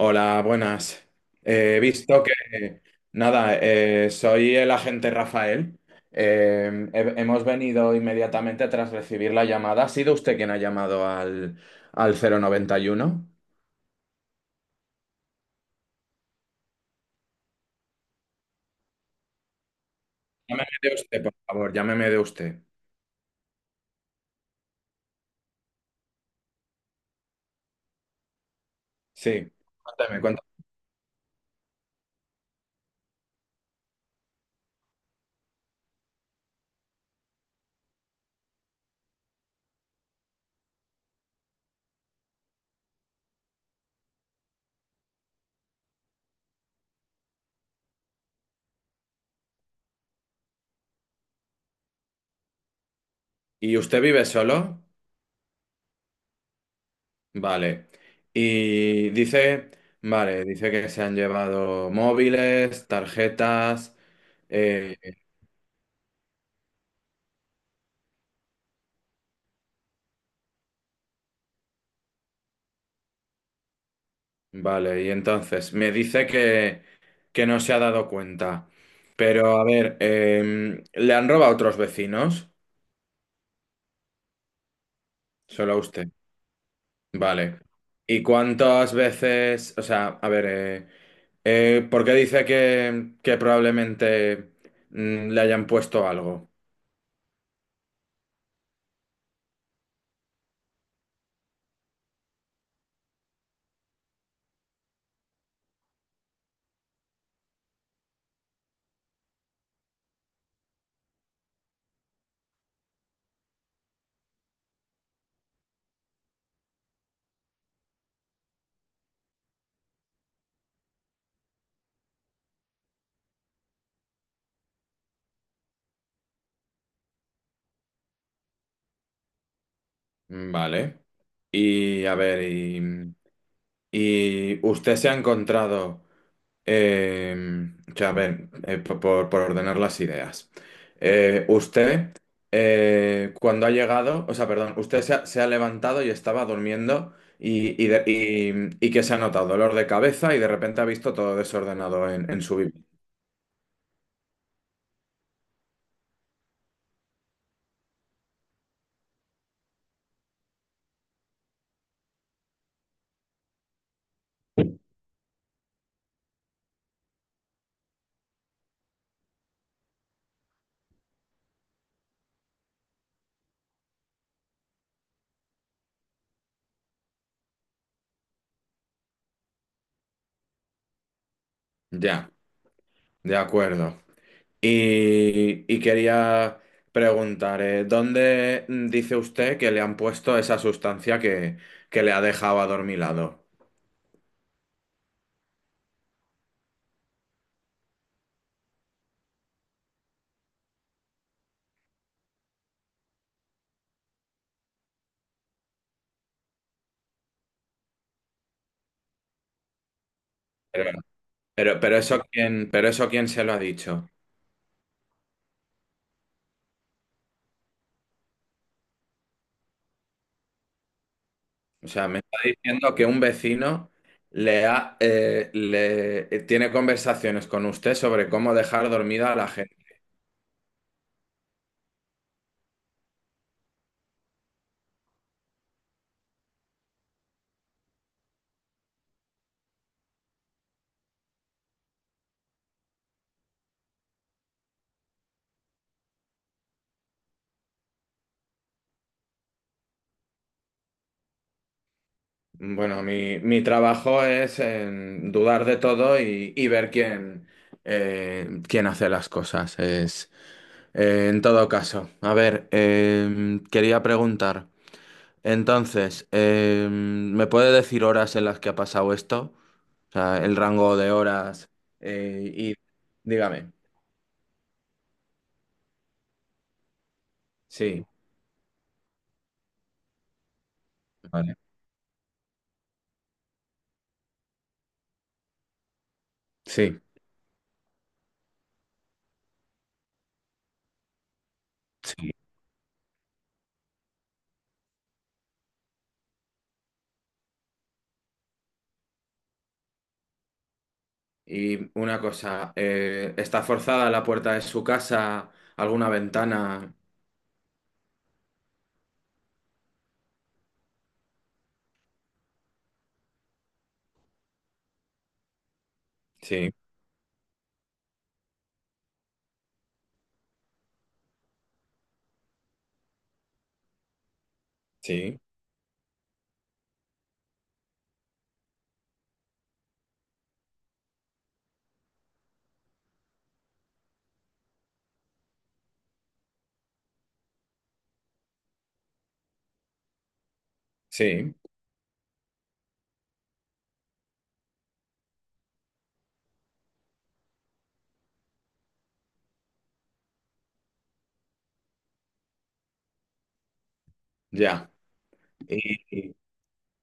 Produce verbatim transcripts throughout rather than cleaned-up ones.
Hola, buenas. Eh, He visto que, nada, eh, soy el agente Rafael. Eh, he- hemos venido inmediatamente tras recibir la llamada. ¿Ha sido usted quien ha llamado al, al cero nueve uno? Llámeme de usted, por favor, llámeme de usted. Sí, cuéntame, cuéntame. ¿Y usted vive solo? Vale. Y dice, vale, dice que se han llevado móviles, tarjetas. eh, Vale, y entonces me dice que, que no se ha dado cuenta. Pero a ver, em, ¿le han robado a otros vecinos? Solo a usted. Vale. ¿Y cuántas veces? O sea, a ver, eh, eh, ¿por qué dice que, que probablemente mm, le hayan puesto algo? Vale. Y a ver, y, y usted se ha encontrado. Eh, o sea, a ver, eh, po- por, por ordenar las ideas. Eh, usted, eh, cuando ha llegado, o sea, perdón, usted se ha, se ha levantado y estaba durmiendo y, y, de- y- y que se ha notado dolor de cabeza y de repente ha visto todo desordenado en, en su vivienda. Ya, de acuerdo. Y, y quería preguntar, eh, ¿dónde mm, dice usted que le han puesto esa sustancia que, que le ha dejado adormilado? Pero, pero eso quién, pero eso quién se lo ha dicho. O sea, me está diciendo que un vecino le ha, eh, le eh, tiene conversaciones con usted sobre cómo dejar dormida a la gente. Bueno, mi, mi trabajo es en dudar de todo y, y ver quién, eh, quién hace las cosas. Es, eh, en todo caso, a ver, eh, quería preguntar. Entonces, eh, ¿me puede decir horas en las que ha pasado esto? O sea, el rango de horas eh, y dígame. Sí, vale. Sí, sí. Y una cosa, eh, ¿está forzada la puerta de su casa? ¿Alguna ventana? Sí, sí, sí, ya. ¿Y,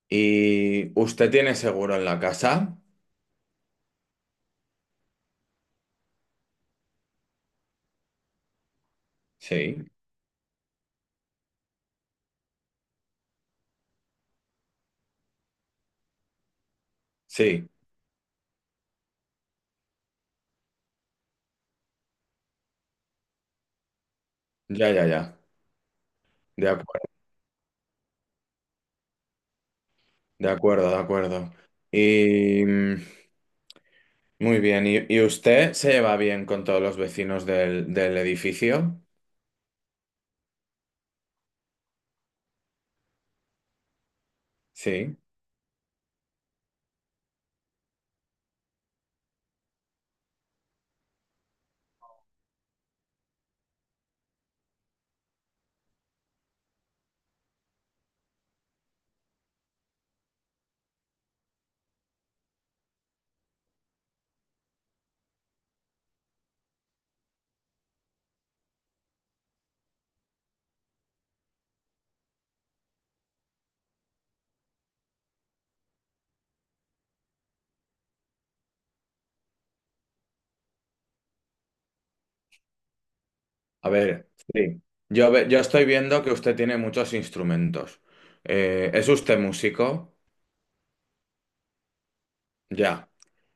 y usted tiene seguro en la casa? Sí, sí, ya, ya, ya. De acuerdo, de acuerdo, de acuerdo. Y... Muy bien. ¿Y, y usted se lleva bien con todos los vecinos del, del edificio? Sí. A ver, sí. Yo, ve- yo estoy viendo que usted tiene muchos instrumentos. Eh, ¿es usted músico? Ya.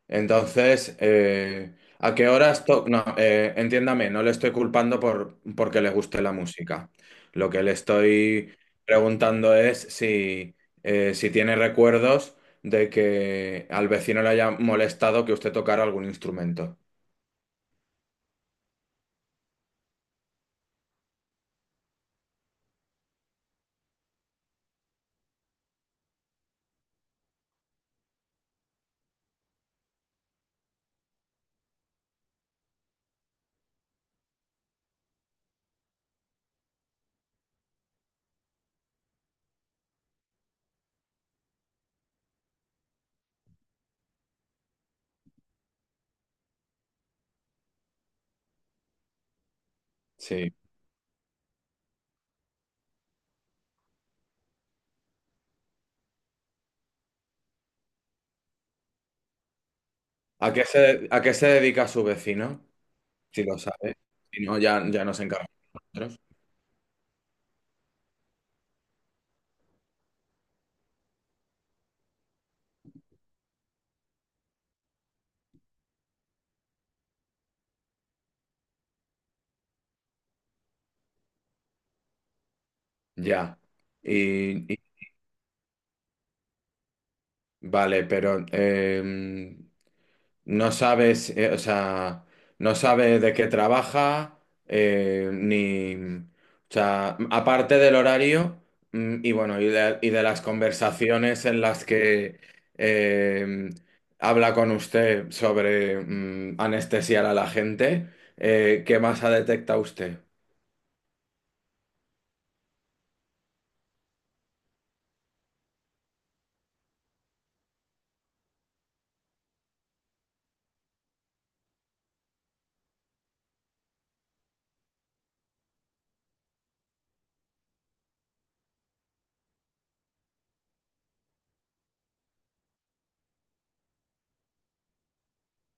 Entonces, eh, ¿a qué horas to- No, eh, entiéndame, no le estoy culpando por porque le guste la música. Lo que le estoy preguntando es si, eh, si tiene recuerdos de que al vecino le haya molestado que usted tocara algún instrumento. Sí. ¿A qué se, a qué se dedica su vecino? Si lo sabe. Si no, ya, ya nos encargamos nosotros. Ya. Y, y- vale, pero em, no sabes, eh, o sea, no sabe de qué trabaja, eh, ni, o sea, aparte del horario, mm, y bueno, y de, y de las conversaciones en las que eh, habla con usted sobre mm, anestesiar a la gente, eh, ¿qué más ha detectado usted?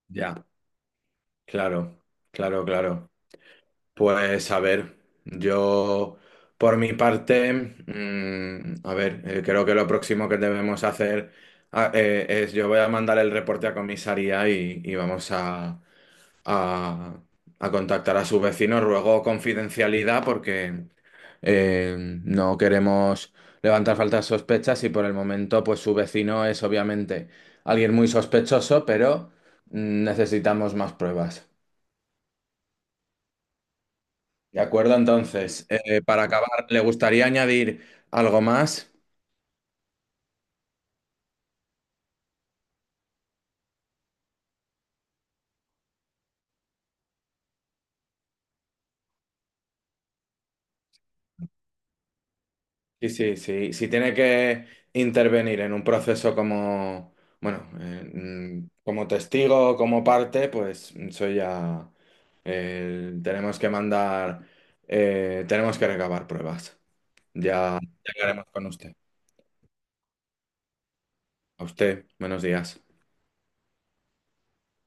Ya, claro, claro, claro. Pues a ver, yo por mi parte, mm, a ver, eh, creo que lo próximo que debemos hacer ah, eh, es yo voy a mandar el reporte a comisaría y, y vamos a, a- a contactar a sus vecinos. Ruego confidencialidad porque eh, no queremos levantar faltas sospechas y por el momento pues su vecino es obviamente alguien muy sospechoso, pero mm, necesitamos más pruebas. De acuerdo, entonces, eh, para acabar, ¿le gustaría añadir algo más? Sí, sí, sí. Si tiene que intervenir en un proceso como, bueno, eh, mm, como testigo, como parte, pues soy ya. Eh, tenemos que mandar, eh, tenemos que recabar pruebas. Ya ya hablaremos con usted. A usted, buenos días.